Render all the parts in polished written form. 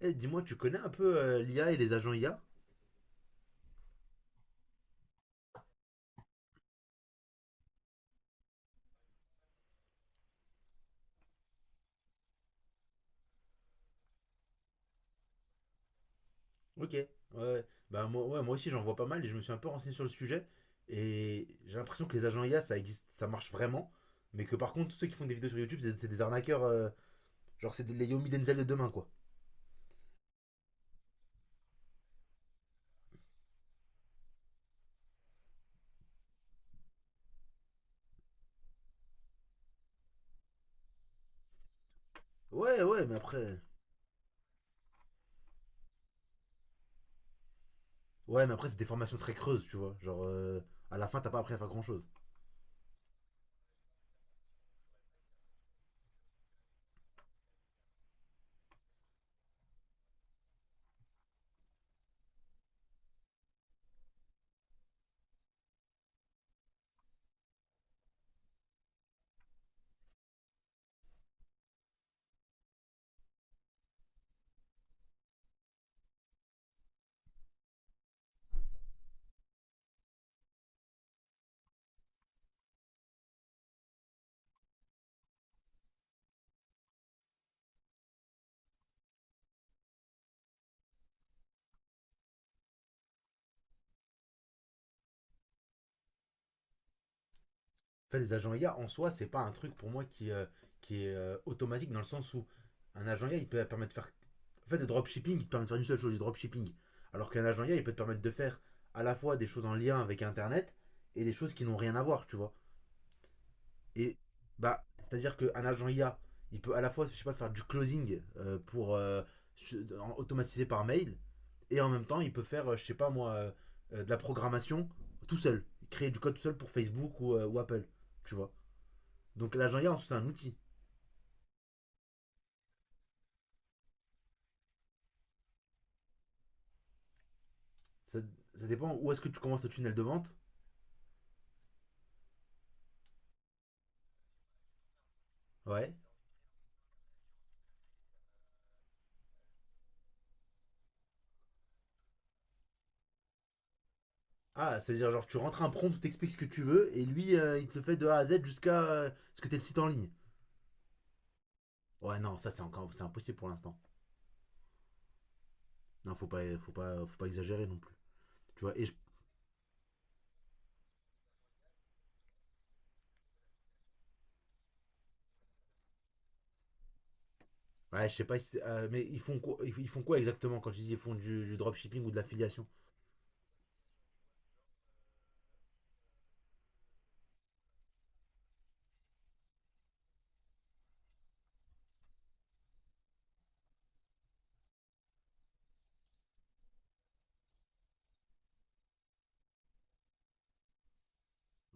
Eh, dis-moi, tu connais un peu l'IA et les agents IA? Ok. Ouais. Ouais. Bah moi, ouais, moi aussi j'en vois pas mal et je me suis un peu renseigné sur le sujet. Et j'ai l'impression que les agents IA, ça existe, ça marche vraiment. Mais que par contre, tous ceux qui font des vidéos sur YouTube, c'est des arnaqueurs. Genre, les Yomi Denzel de demain, quoi. Ouais, ouais, mais après. Ouais, mais après, c'est des formations très creuses, tu vois. Genre, à la fin, t'as pas appris à faire grand chose. En fait, les agents IA, en soi, c'est pas un truc pour moi qui est automatique dans le sens où un agent IA, il peut permettre de faire. En fait, le dropshipping, il te permet de faire une seule chose, du dropshipping. Alors qu'un agent IA, il peut te permettre de faire à la fois des choses en lien avec Internet et des choses qui n'ont rien à voir, tu vois. Et bah, c'est-à-dire qu'un agent IA, il peut à la fois, je sais pas, faire du closing pour automatiser par mail, et en même temps, il peut faire, je sais pas moi, de la programmation tout seul, créer du code tout seul pour Facebook ou Apple, tu vois. Donc l'agent IA, en c'est un outil. Ça, ça dépend où est-ce que tu commences le tunnel de vente. Ouais. Ah, c'est-à-dire, genre, tu rentres un prompt, t'expliques ce que tu veux, et lui, il te le fait de A à Z jusqu'à ce que t'aies le site en ligne. Ouais, non, ça, c'est impossible pour l'instant. Non, faut pas exagérer non plus. Tu vois, et je, ouais, je sais pas, si mais ils font, quoi, ils font quoi exactement quand tu dis ils font du dropshipping ou de l'affiliation.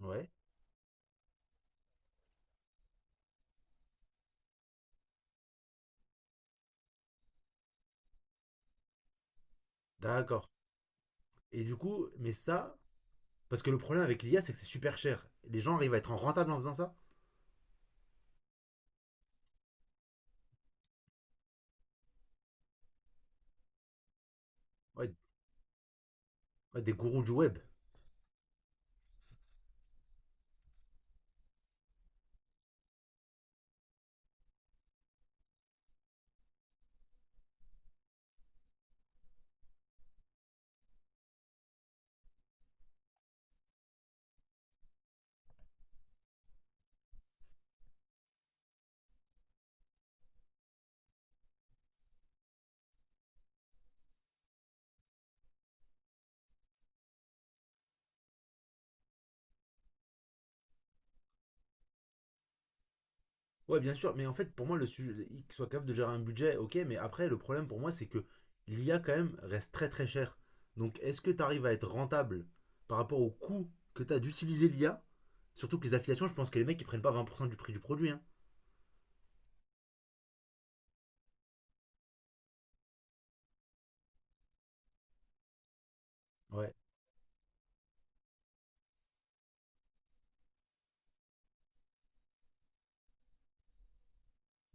Ouais, d'accord. Et du coup, mais ça, parce que le problème avec l'IA, c'est que c'est super cher. Les gens arrivent à être en rentable en faisant ça. Ouais, ouais, des gourous du web. Ouais, bien sûr, mais en fait, pour moi, le sujet, qu'il soit capable de gérer un budget, ok, mais après, le problème pour moi, c'est que l'IA, quand même, reste très très cher. Donc, est-ce que tu arrives à être rentable par rapport au coût que tu as d'utiliser l'IA? Surtout que les affiliations, je pense que les mecs, ils prennent pas 20% du prix du produit, hein. Ouais.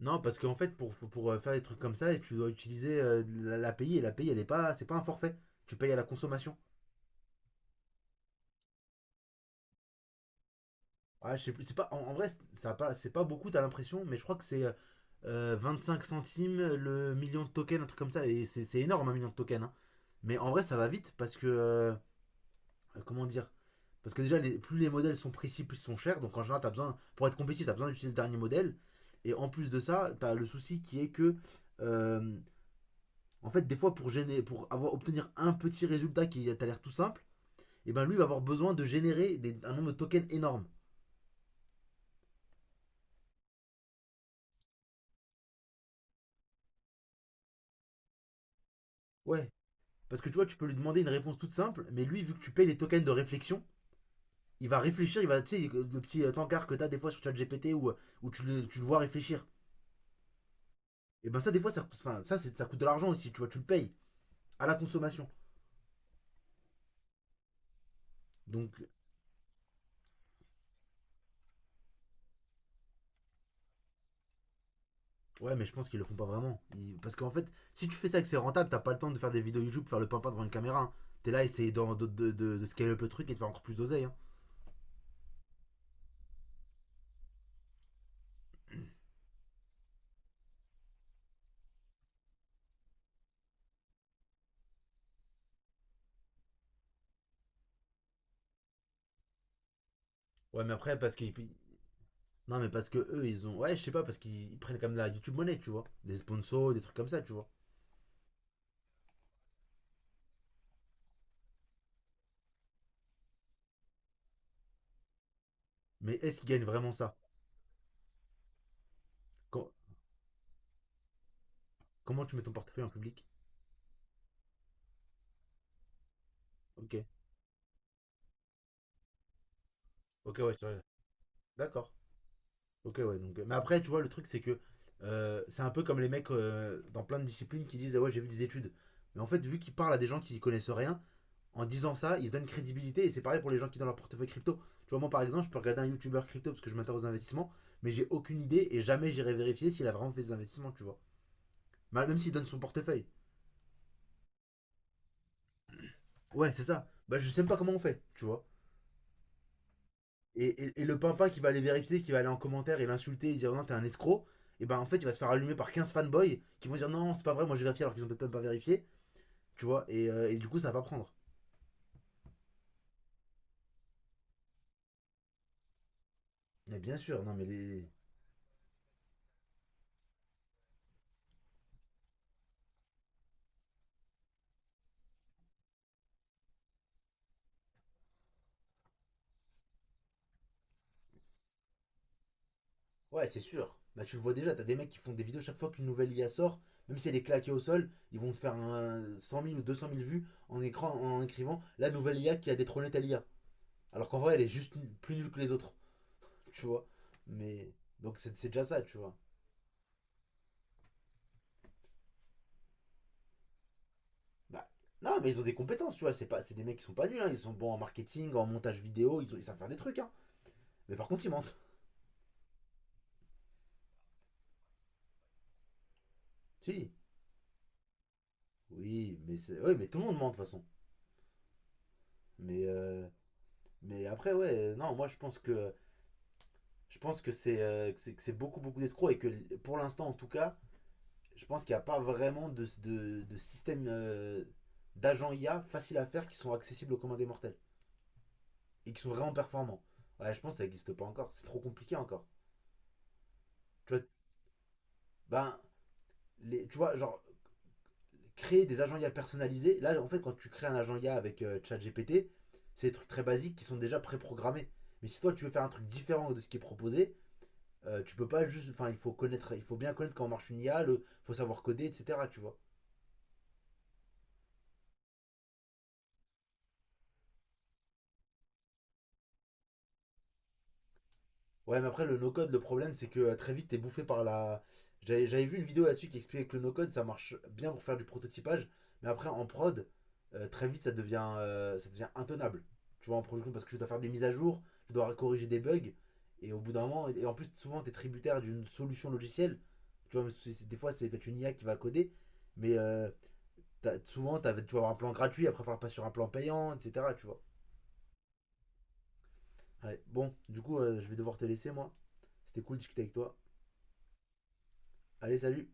Non, parce qu'en fait, pour faire des trucs comme ça, tu dois utiliser l'API, et la l'API, elle est pas, c'est pas un forfait. Tu payes à la consommation. Ah, je sais plus, c'est pas, en vrai, ça a pas, c'est pas beaucoup, t'as l'impression, mais je crois que c'est 5 centimes le million de tokens, un truc comme ça, et c'est énorme un million de tokens, hein. Mais en vrai, ça va vite parce que comment dire, parce que déjà, plus les modèles sont précis, plus ils sont chers, donc en général, t'as besoin, pour être compétitif, t'as besoin d'utiliser le dernier modèle, et en plus de ça, t'as le souci qui est que, euh, en fait, des fois, pour, gêner, pour avoir, obtenir un petit résultat qui a t'as l'air tout simple, et ben lui va avoir besoin de générer un nombre de tokens énorme. Ouais, parce que tu vois, tu peux lui demander une réponse toute simple, mais lui, vu que tu payes les tokens de réflexion, il va réfléchir, il va, tu sais, le petit tankard que t'as des fois sur ChatGPT où tu le vois réfléchir. Et ben ça, des fois, ça, enfin, ça, ça coûte de l'argent aussi, tu vois, tu le payes à la consommation. Donc, ouais, mais je pense qu'ils le font pas vraiment. Parce qu'en fait, si tu fais ça et que c'est rentable, t'as pas le temps de faire des vidéos YouTube, faire le pimpin devant une caméra, hein. T'es là, essayer de scaler up le truc et de faire encore plus d'oseille, hein. Ouais, mais après, parce qu'ils. Non, mais parce que eux, ils ont. Ouais, je sais pas, parce qu'ils prennent quand même de la YouTube monnaie, tu vois. Des sponsors, des trucs comme ça, tu vois. Mais est-ce qu'il gagne vraiment ça? Com- Comment tu mets ton portefeuille en public? Ok. Ok, ouais, je te regarde. D'accord. Ok, ouais. Donc, mais après, tu vois, le truc, c'est que c'est un peu comme les mecs dans plein de disciplines qui disent: Ah ouais, j'ai vu des études. Mais en fait, vu qu'ils parlent à des gens qui y connaissent rien, en disant ça, ils se donnent crédibilité. Et c'est pareil pour les gens qui ont leur portefeuille crypto. Tu vois, moi, par exemple, je peux regarder un YouTuber crypto parce que je m'intéresse aux investissements, mais j'ai aucune idée et jamais j'irai vérifier s'il a vraiment fait des investissements, tu vois. Même s'il donne son portefeuille. Ouais, c'est ça. Bah, je sais même pas comment on fait, tu vois. Et le pimpin qui va aller vérifier, qui va aller en commentaire et l'insulter et dire non, t'es un escroc, et ben en fait, il va se faire allumer par 15 fanboys qui vont dire non, c'est pas vrai, moi j'ai vérifié alors qu'ils ont peut-être même pas vérifié, tu vois, et du coup, ça va pas prendre. Mais bien sûr, non, mais les. Ouais, c'est sûr. Bah, tu le vois déjà, t'as des mecs qui font des vidéos chaque fois qu'une nouvelle IA sort, même si elle est claquée au sol, ils vont te faire un 100 000 ou 200 000 vues en écrivant la nouvelle IA qui a détrôné telle IA. Alors qu'en vrai, elle est juste plus nulle que les autres, tu vois. Mais. Donc, c'est déjà ça, tu vois. Bah, non, mais ils ont des compétences, tu vois. C'est pas, c'est des mecs qui sont pas nuls, hein. Ils sont bons en marketing, en montage vidéo, ils savent faire des trucs, hein. Mais par contre, ils mentent. Si. Oui, mais oui, mais tout le monde ment de toute façon. Mais, euh, mais après, ouais, non, moi je pense que, que c'est beaucoup, beaucoup d'escrocs et que pour l'instant, en tout cas, je pense qu'il n'y a pas vraiment de système d'agents IA facile à faire qui sont accessibles aux commandes des mortels et qui sont vraiment performants. Ouais, je pense que ça n'existe pas encore. C'est trop compliqué encore. Tu vois, ben, tu vois, genre, créer des agents IA personnalisés. Là, en fait, quand tu crées un agent IA avec ChatGPT, c'est des trucs très basiques qui sont déjà préprogrammés. Mais si toi, tu veux faire un truc différent de ce qui est proposé, tu peux pas juste. Enfin, il faut bien connaître comment marche une IA, il faut savoir coder, etc. Tu vois. Ouais, mais après, le no-code, le problème, c'est que très vite, t'es bouffé par la. J'avais vu une vidéo là-dessus qui expliquait que le no-code, ça marche bien pour faire du prototypage, mais après, en prod, très vite, ça devient, intenable. Tu vois, en production, parce que tu dois faire des mises à jour, tu dois corriger des bugs, et au bout d'un moment, et en plus, souvent, t'es tributaire d'une solution logicielle. Tu vois, mais des fois, c'est peut-être une IA qui va coder, mais tu vas avoir un plan gratuit, après, faire pas sur un plan payant, etc. Tu vois. Ouais, bon, du coup, je vais devoir te laisser, moi. C'était cool de discuter avec toi. Allez, salut!